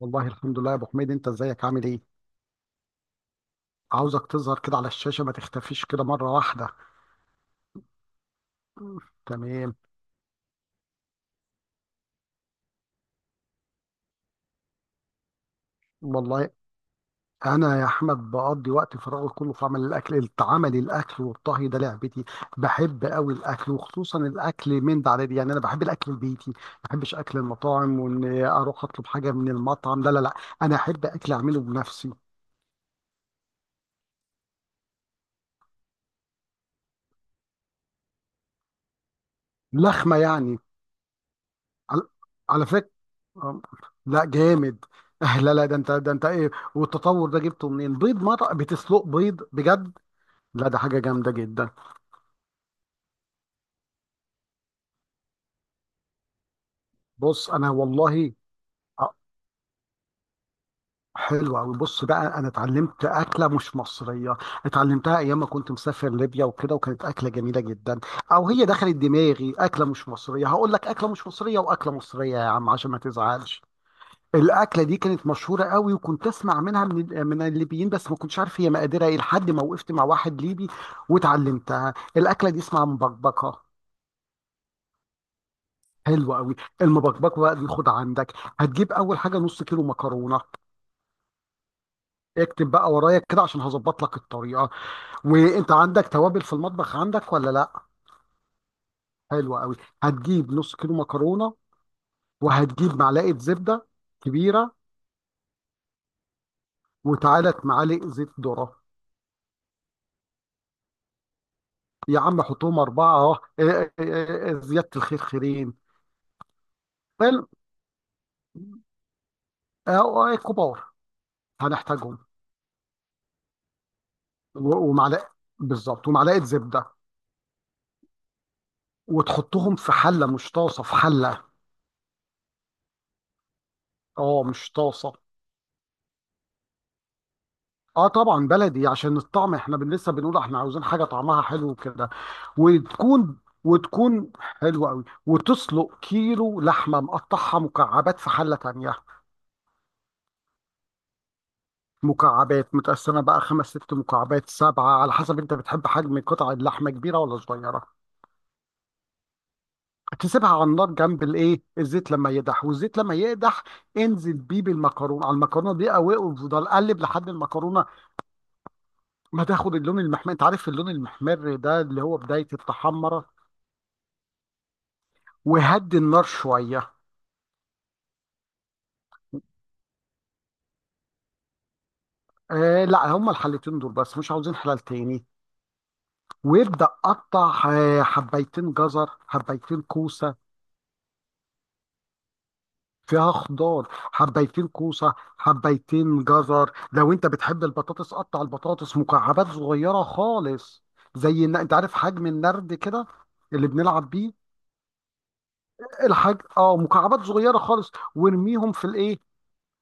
والله الحمد لله يا ابو حميد، انت ازيك عامل ايه؟ عاوزك تظهر كده على الشاشه، ما تختفيش كده مره واحده. مم. تمام. والله انا يا احمد بقضي وقت فراغي كله في عمل الاكل. عمل الاكل والطهي ده لعبتي. بحب قوي الاكل، وخصوصا الاكل من ده على دي. يعني انا بحب الاكل البيتي، ما بحبش اكل المطاعم. وان اروح اطلب حاجه من المطعم، لا لا لا، انا احب اكل اعمله بنفسي. لخمه يعني. على على فكرة. آه، لا جامد. آه، لا لا، ده انت ايه؟ والتطور ده جبته منين؟ بيض؟ مرة بتسلق بيض بجد؟ لا ده حاجة جامدة جدا. بص، انا والله آه، حلوة أوي. بص بقى، أنا اتعلمت أكلة مش مصرية، اتعلمتها أيام ما كنت مسافر ليبيا وكده، وكانت أكلة جميلة جدا. أو هي دخلت دماغي أكلة مش مصرية. هقول لك أكلة مش مصرية وأكلة مصرية يا عم عشان ما تزعلش. الاكله دي كانت مشهوره قوي، وكنت اسمع منها من الليبيين، بس ما كنتش عارف هي مقاديرها ايه، لحد ما وقفت مع واحد ليبي واتعلمتها. الاكله دي اسمها مبكبكه. حلوه قوي. المبكبكه بقى دي، خد عندك. هتجيب اول حاجه نص كيلو مكرونه. اكتب بقى ورايا كده عشان هظبط لك الطريقه. وانت عندك توابل في المطبخ، عندك ولا لا؟ حلوه قوي. هتجيب نص كيلو مكرونه، وهتجيب معلقه زبده كبيره. وتعالى معالق زيت ذره. يا عم حطهم أربعة أهو. إيه- إيه- إيه- إيه، إيه، زيادة الخير خيرين. حلو، أهو كبار. هنحتاجهم. ومعلقة، بالظبط، ومعلقة زبدة. وتحطهم في حلة، مش طاسة، في حلة. اه، مش طاسة. اه طبعا بلدي عشان الطعم، احنا لسه بنقول احنا عاوزين حاجة طعمها حلو كده. وتكون وتكون حلوة قوي. وتسلق كيلو لحمة مقطعها مكعبات في حلة تانية. مكعبات، متقسمة بقى خمس ست مكعبات سبعة، على حسب انت بتحب حجم قطع اللحمة كبيرة ولا صغيرة. تسيبها على النار جنب الايه، الزيت لما يقدح. والزيت لما يقدح، انزل بيه بالمكرونة. على المكرونة دي قوي، وفضل قلب لحد المكرونة ما تاخد اللون المحمر. انت عارف اللون المحمر ده، اللي هو بداية التحمرة. وهدي النار شوية. آه لا، هما الحلتين دول بس، مش عاوزين حلال تاني. وابدأ قطع آه، حبايتين جزر حبايتين كوسة. فيها خضار، حبيتين كوسة حبيتين جزر. لو انت بتحب البطاطس، قطع البطاطس مكعبات صغيرة خالص، زي ان انت عارف حجم النرد كده اللي بنلعب بيه. الحاج اه، مكعبات صغيرة خالص، وارميهم في الايه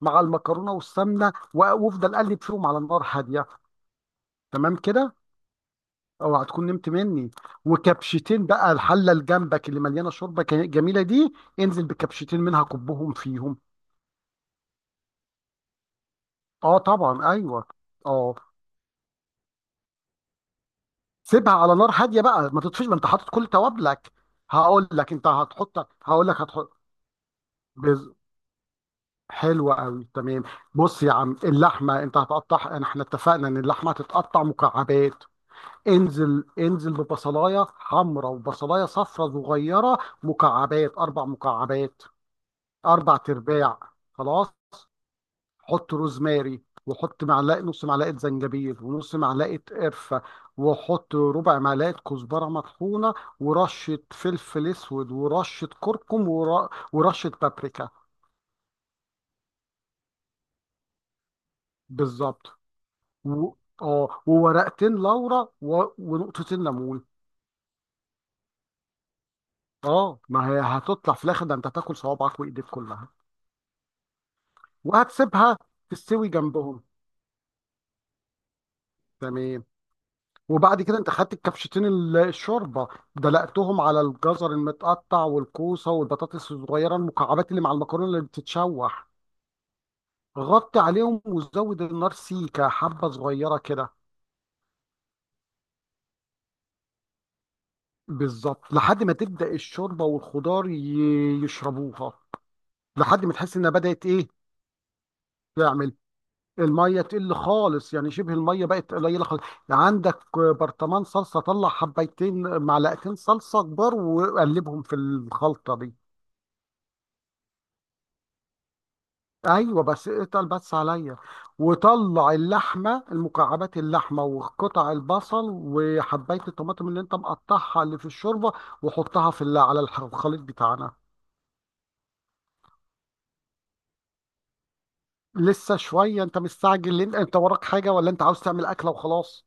مع المكرونة والسمنة، وافضل قلب فيهم على النار هادية. تمام كده. اوعى تكون نمت مني. وكبشتين بقى الحلة اللي جنبك اللي مليانة شوربة جميلة دي، انزل بكبشتين منها، كبهم فيهم. اه طبعا ايوه. اه، سيبها على نار هاديه بقى، ما تطفيش، ما انت حاطط كل توابلك. هقول لك انت هتحط، هقول لك هتحط. بز... حلو قوي، تمام. بص يا عم، اللحمه انت هتقطعها، احنا اتفقنا ان اللحمه هتتقطع مكعبات. انزل، انزل ببصلايه حمراء وبصلايه صفراء صغيره، مكعبات، اربع مكعبات، اربع ترباع. خلاص. حط روزماري، وحط معلقه، نص معلقه زنجبيل، ونص معلقه قرفه، وحط ربع معلقه كزبره مطحونه، ورشه فلفل اسود، ورشه كركم، ورشه بابريكا. بالظبط. و... اه، وورقتين لورا، ونقطتين ليمون. اه، ما هي هتطلع في الاخر ده انت هتاكل صوابعك وايديك كلها. وهتسيبها تستوي جنبهم. تمام. وبعد كده انت خدت الكبشتين الشوربه، دلقتهم على الجزر المتقطع والكوسه والبطاطس الصغيره المكعبات اللي مع المكرونه اللي بتتشوح. غطي عليهم وزود النار سيكه حبه صغيره كده. بالظبط، لحد ما تبدا الشوربه والخضار يشربوها. لحد ما تحس انها بدات ايه، تعمل، الميه تقل خالص، يعني شبه الميه بقت قليله خالص. عندك برطمان صلصه، طلع حبيتين معلقتين صلصه كبار وقلبهم في الخلطه دي. ايوه، بس اقطع بس عليا. وطلع اللحمه المكعبات، اللحمه وقطع البصل وحبايه الطماطم اللي انت مقطعها اللي في الشوربه، وحطها على الخليط بتاعنا. لسه شويه. انت مستعجل ليه؟ انت وراك حاجه ولا انت عاوز تعمل اكله وخلاص؟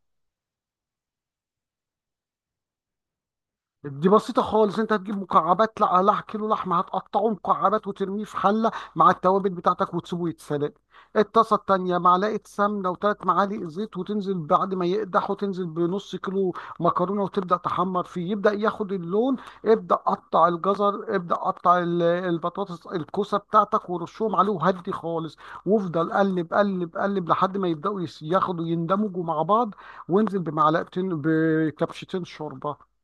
دي بسيطة خالص. انت هتجيب مكعبات، لا لا، كيلو لحمة هتقطعه مكعبات وترميه في حلة مع التوابل بتاعتك وتسيبه يتسلق. الطاسة التانية معلقة سمنة وثلاث معالق زيت، وتنزل بعد ما يقدح، وتنزل بنص كيلو مكرونة، وتبدأ تحمر فيه، يبدأ ياخد اللون. ابدأ قطع الجزر، ابدأ قطع البطاطس الكوسة بتاعتك، ورشهم عليه، وهدي خالص. وافضل قلب قلب قلب لحد ما يبدأوا ياخدوا، يندمجوا مع بعض. وانزل بمعلقتين، بكبشتين شوربة.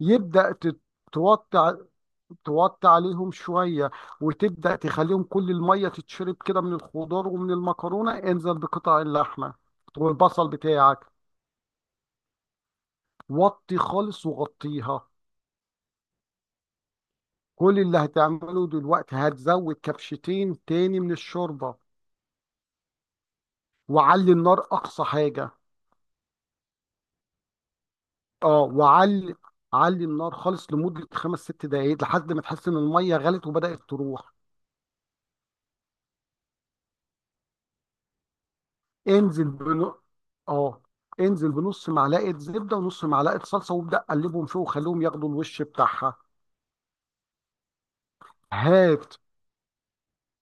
يبدأ توطي ع- توطي عليهم شوية. وتبدأ تخليهم كل المية تتشرب كده من الخضار ومن المكرونة. انزل بقطع اللحمة والبصل بتاعك. وطي خالص وغطيها. كل اللي هتعمله دلوقتي هتزود كبشتين تاني من الشوربة، وعلي النار أقصى حاجة. اه، وعلي، علي النار خالص لمدة خمس ست دقايق، لحد ما تحس إن المية غلت وبدأت تروح. انزل بنو... اه انزل بنص معلقه زبده ونص معلقه صلصه، وابدا قلبهم فيه وخليهم ياخدوا الوش بتاعها. هات،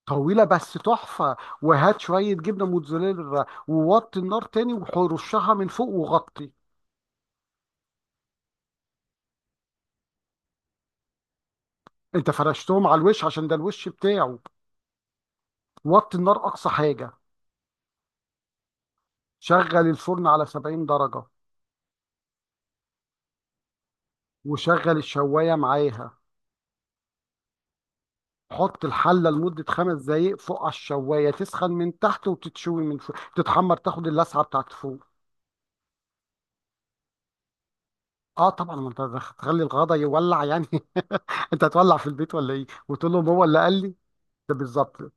طويله بس تحفه. وهات شويه جبنه موتزاريلا، ووطي النار تاني، ورشها من فوق وغطي. انت فرشتهم على الوش عشان ده الوش بتاعه. وطي النار اقصى حاجه. شغل الفرن على 70 درجه، وشغل الشوايه معاها. حط الحله لمده خمس دقائق فوق على الشوايه، تسخن من تحت وتتشوي من فوق، تتحمر، تاخد اللسعه بتاعت فوق. اه طبعا، ما انت هتخلي الغدا يولع يعني. انت هتولع في البيت ولا ايه؟ وتقول لهم هو اللي قال لي. ده بالظبط.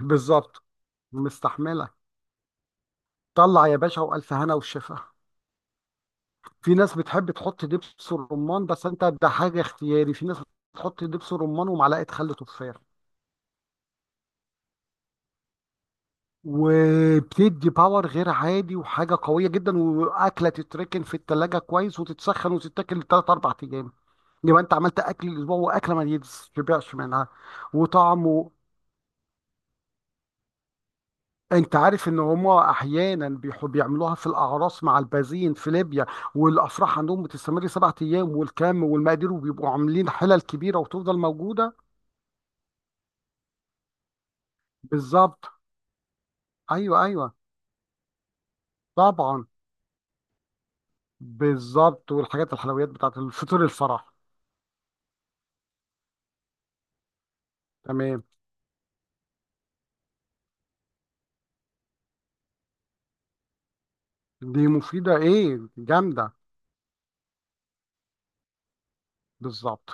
بالظبط. مستحمله. طلع يا باشا، والف هنا وشفا. في ناس بتحب تحط دبس الرمان، بس انت ده حاجه اختياري. في ناس بتحط دبس الرمان ومعلقه خل تفاح، وبتدي باور غير عادي وحاجه قويه جدا. واكله تتركن في التلاجة كويس وتتسخن وتتاكل ثلاث اربع ايام، يبقى انت عملت اكل الاسبوع، واكله ما يتشبعش منها، وطعمه. انت عارف ان هما احيانا بيحب بيعملوها في الاعراس مع البازين في ليبيا، والافراح عندهم بتستمر 7 ايام، والكم والمقادير، وبيبقوا عاملين حلل كبيره وتفضل موجوده. بالظبط، ايوه ايوه، طبعا. بالظبط، والحاجات الحلويات بتاعت الفطور الفرح. تمام. دي مفيده ايه، جامده. بالظبط.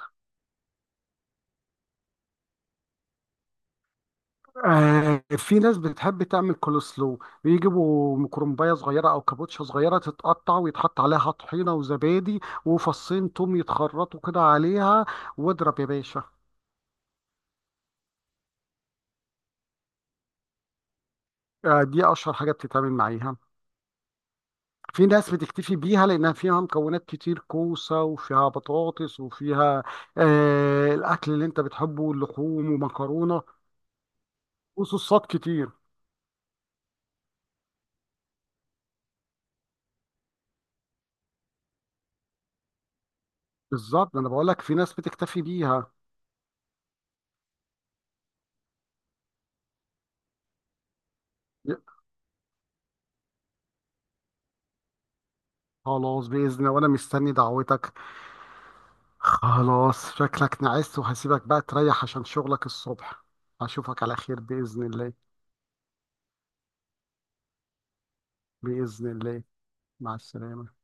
آه، في ناس بتحب تعمل كولسلو، بيجيبوا مكرمبايه صغيره او كابوتشا صغيره، تتقطع ويتحط عليها طحينه وزبادي وفصين توم يتخرطوا كده عليها، واضرب يا باشا. آه، دي اشهر حاجه بتتعمل معاها. في ناس بتكتفي بيها لانها فيها مكونات كتير، كوسه وفيها بطاطس وفيها آه الاكل اللي انت بتحبه، اللحوم ومكرونه وصوصات كتير. بالظبط، انا بقول لك في ناس بتكتفي بيها. خلاص باذن الله، وانا مستني دعوتك. خلاص شكلك نعست، وهسيبك بقى تريح عشان شغلك الصبح. أشوفك على خير بإذن الله. بإذن الله. مع السلامة.